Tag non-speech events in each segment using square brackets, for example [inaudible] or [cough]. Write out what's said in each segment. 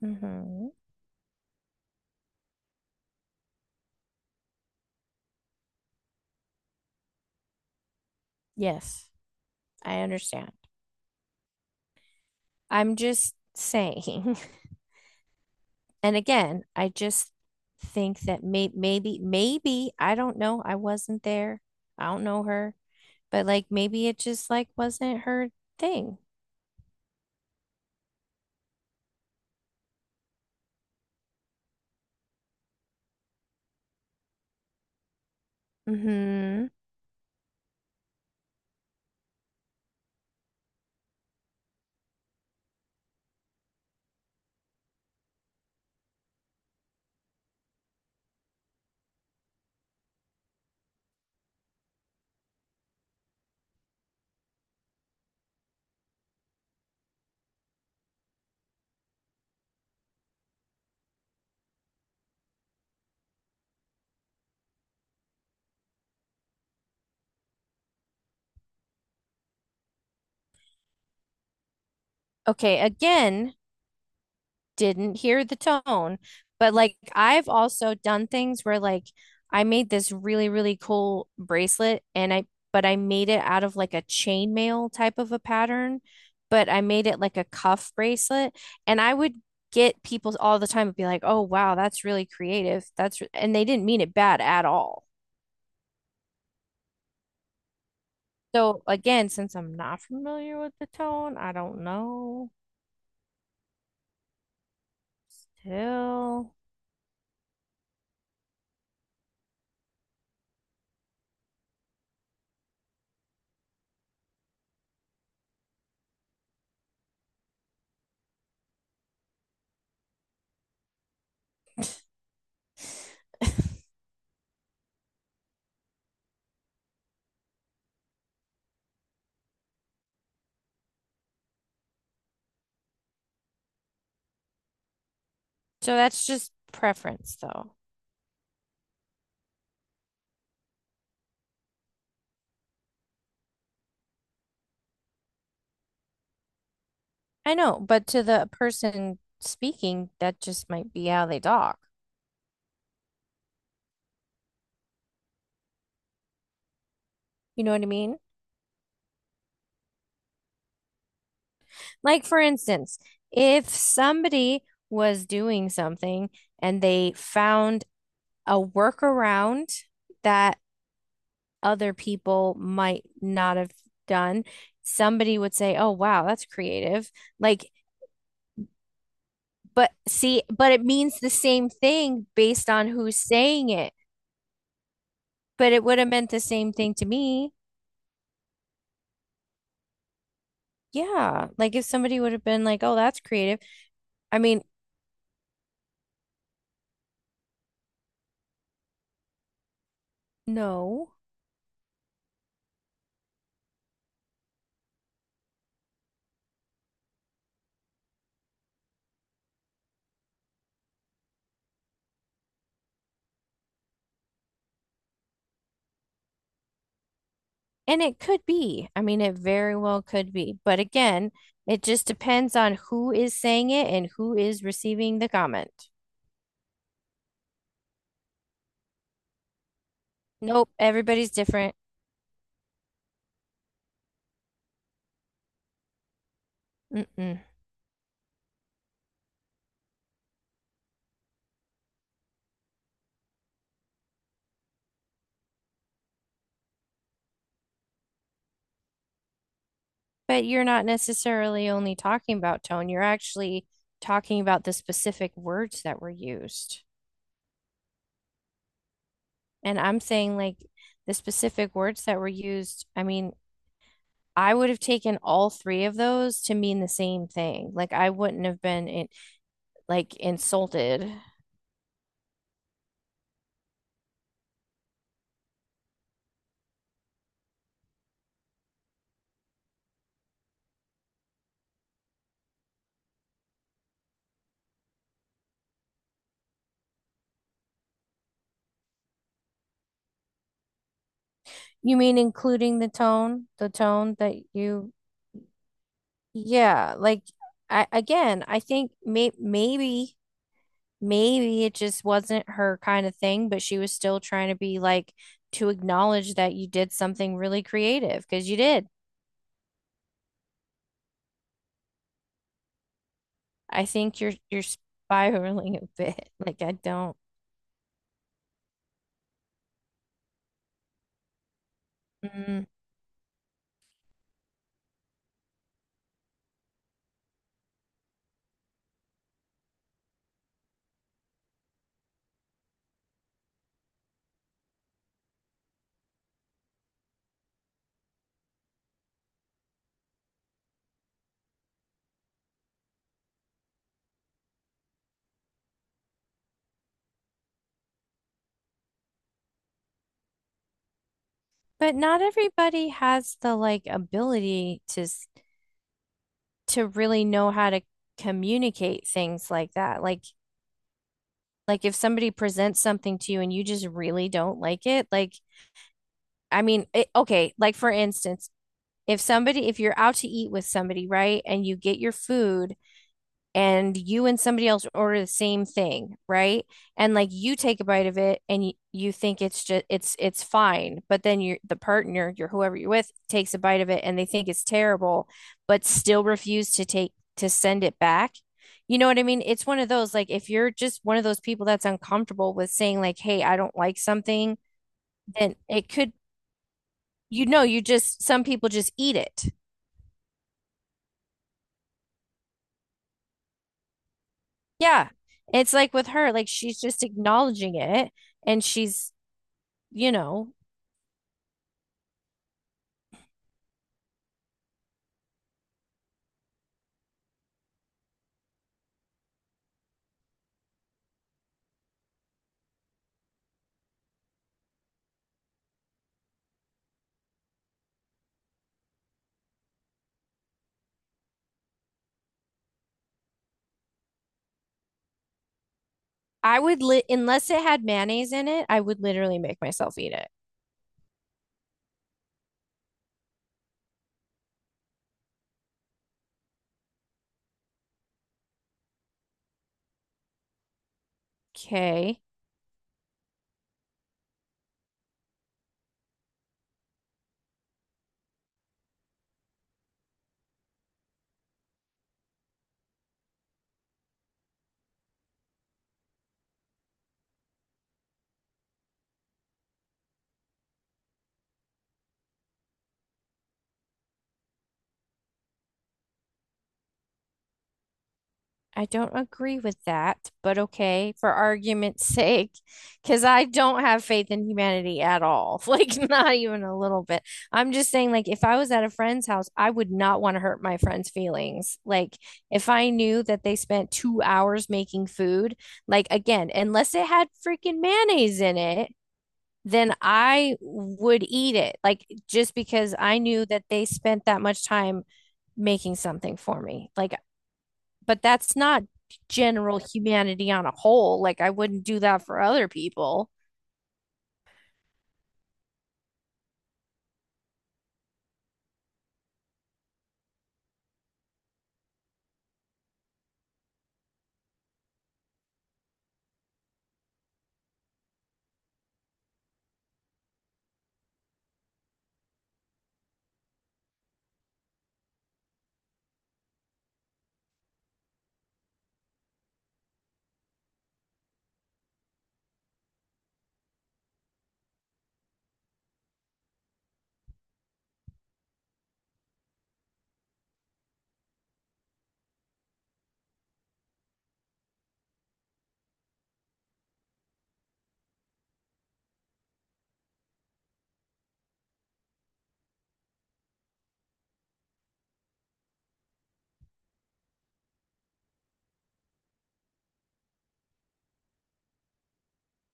Hmm Yes, I understand. I'm just saying. [laughs] And again, I just think that maybe I don't know. I wasn't there. I don't know her, but like maybe it just like wasn't her thing. Hmm Okay, again, didn't hear the tone. But like I've also done things where like I made this really, really cool bracelet and I but I made it out of like a chainmail type of a pattern, but I made it like a cuff bracelet and I would get people all the time and be like, "Oh wow, that's really creative. That's re-" and they didn't mean it bad at all. So again, since I'm not familiar with the tone, I don't know. Till. [laughs] So that's just preference though. I know, but to the person speaking, that just might be how they talk. You know what I mean? Like, for instance, if somebody was doing something and they found a workaround that other people might not have done, somebody would say, "Oh, wow, that's creative." Like, but see, but it means the same thing based on who's saying it, but it would have meant the same thing to me. Yeah, like if somebody would have been like, "Oh, that's creative," I mean, no. And it could be. I mean, it very well could be. But again, it just depends on who is saying it and who is receiving the comment. Nope, everybody's different. Mm-mm. But you're not necessarily only talking about tone, you're actually talking about the specific words that were used. And I'm saying, like, the specific words that were used, I mean, I would have taken all three of those to mean the same thing. Like, I wouldn't have been in, like, insulted. You mean including the tone that you, yeah, like I again, I think maybe it just wasn't her kind of thing, but she was still trying to be like to acknowledge that you did something really creative because you did. I think you're spiraling a bit. [laughs] Like I don't, mm. But not everybody has the like ability to s- to really know how to communicate things like that. Like if somebody presents something to you and you just really don't like it, like I mean, it, okay, like for instance, if somebody if you're out to eat with somebody, right, and you get your food and you and somebody else order the same thing, right? And like you take a bite of it and you think it's just it's fine, but then your the partner, your whoever you're with takes a bite of it and they think it's terrible, but still refuse to take to send it back. You know what I mean? It's one of those like if you're just one of those people that's uncomfortable with saying like, "Hey, I don't like something," then it could you know, you just some people just eat it. Yeah. It's like with her, like she's just acknowledging it and she's you know, I would li unless it had mayonnaise in it, I would literally make myself eat it. Okay. I don't agree with that, but okay, for argument's sake, because I don't have faith in humanity at all. [laughs] Like, not even a little bit. I'm just saying, like, if I was at a friend's house, I would not want to hurt my friend's feelings. Like, if I knew that they spent 2 hours making food, like, again, unless it had freaking mayonnaise in it, then I would eat it. Like, just because I knew that they spent that much time making something for me. Like, but that's not general humanity on a whole. Like I wouldn't do that for other people.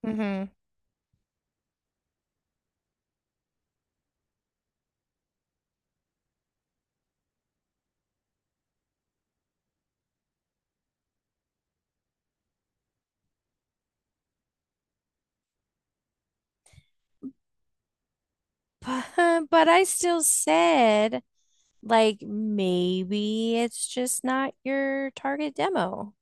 Hmm But, [laughs] but I still said, like, maybe it's just not your target demo.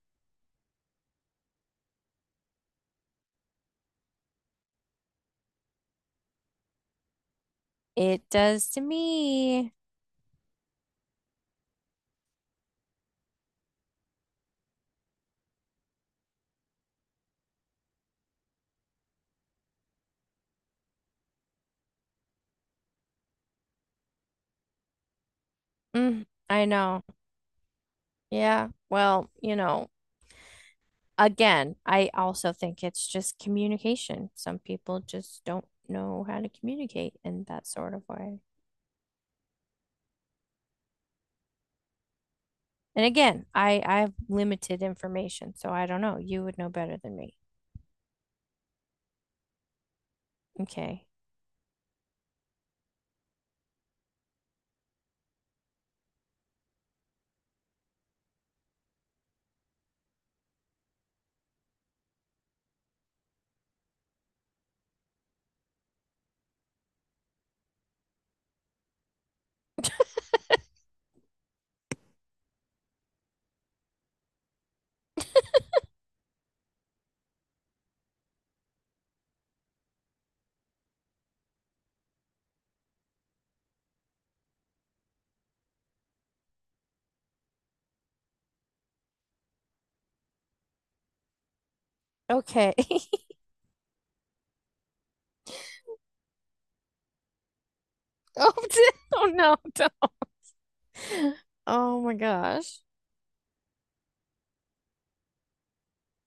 It does to me. Mm, I know. Yeah. Well, you know, again, I also think it's just communication. Some people just don't know how to communicate in that sort of way. And again, I have limited information, so I don't know. You would know better than me. Okay. Okay. [laughs] Oh, oh no. Don't. Oh my gosh.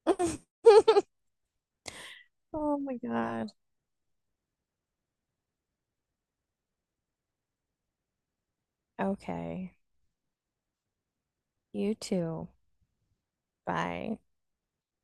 [laughs] Oh my God. Okay. You too. Bye.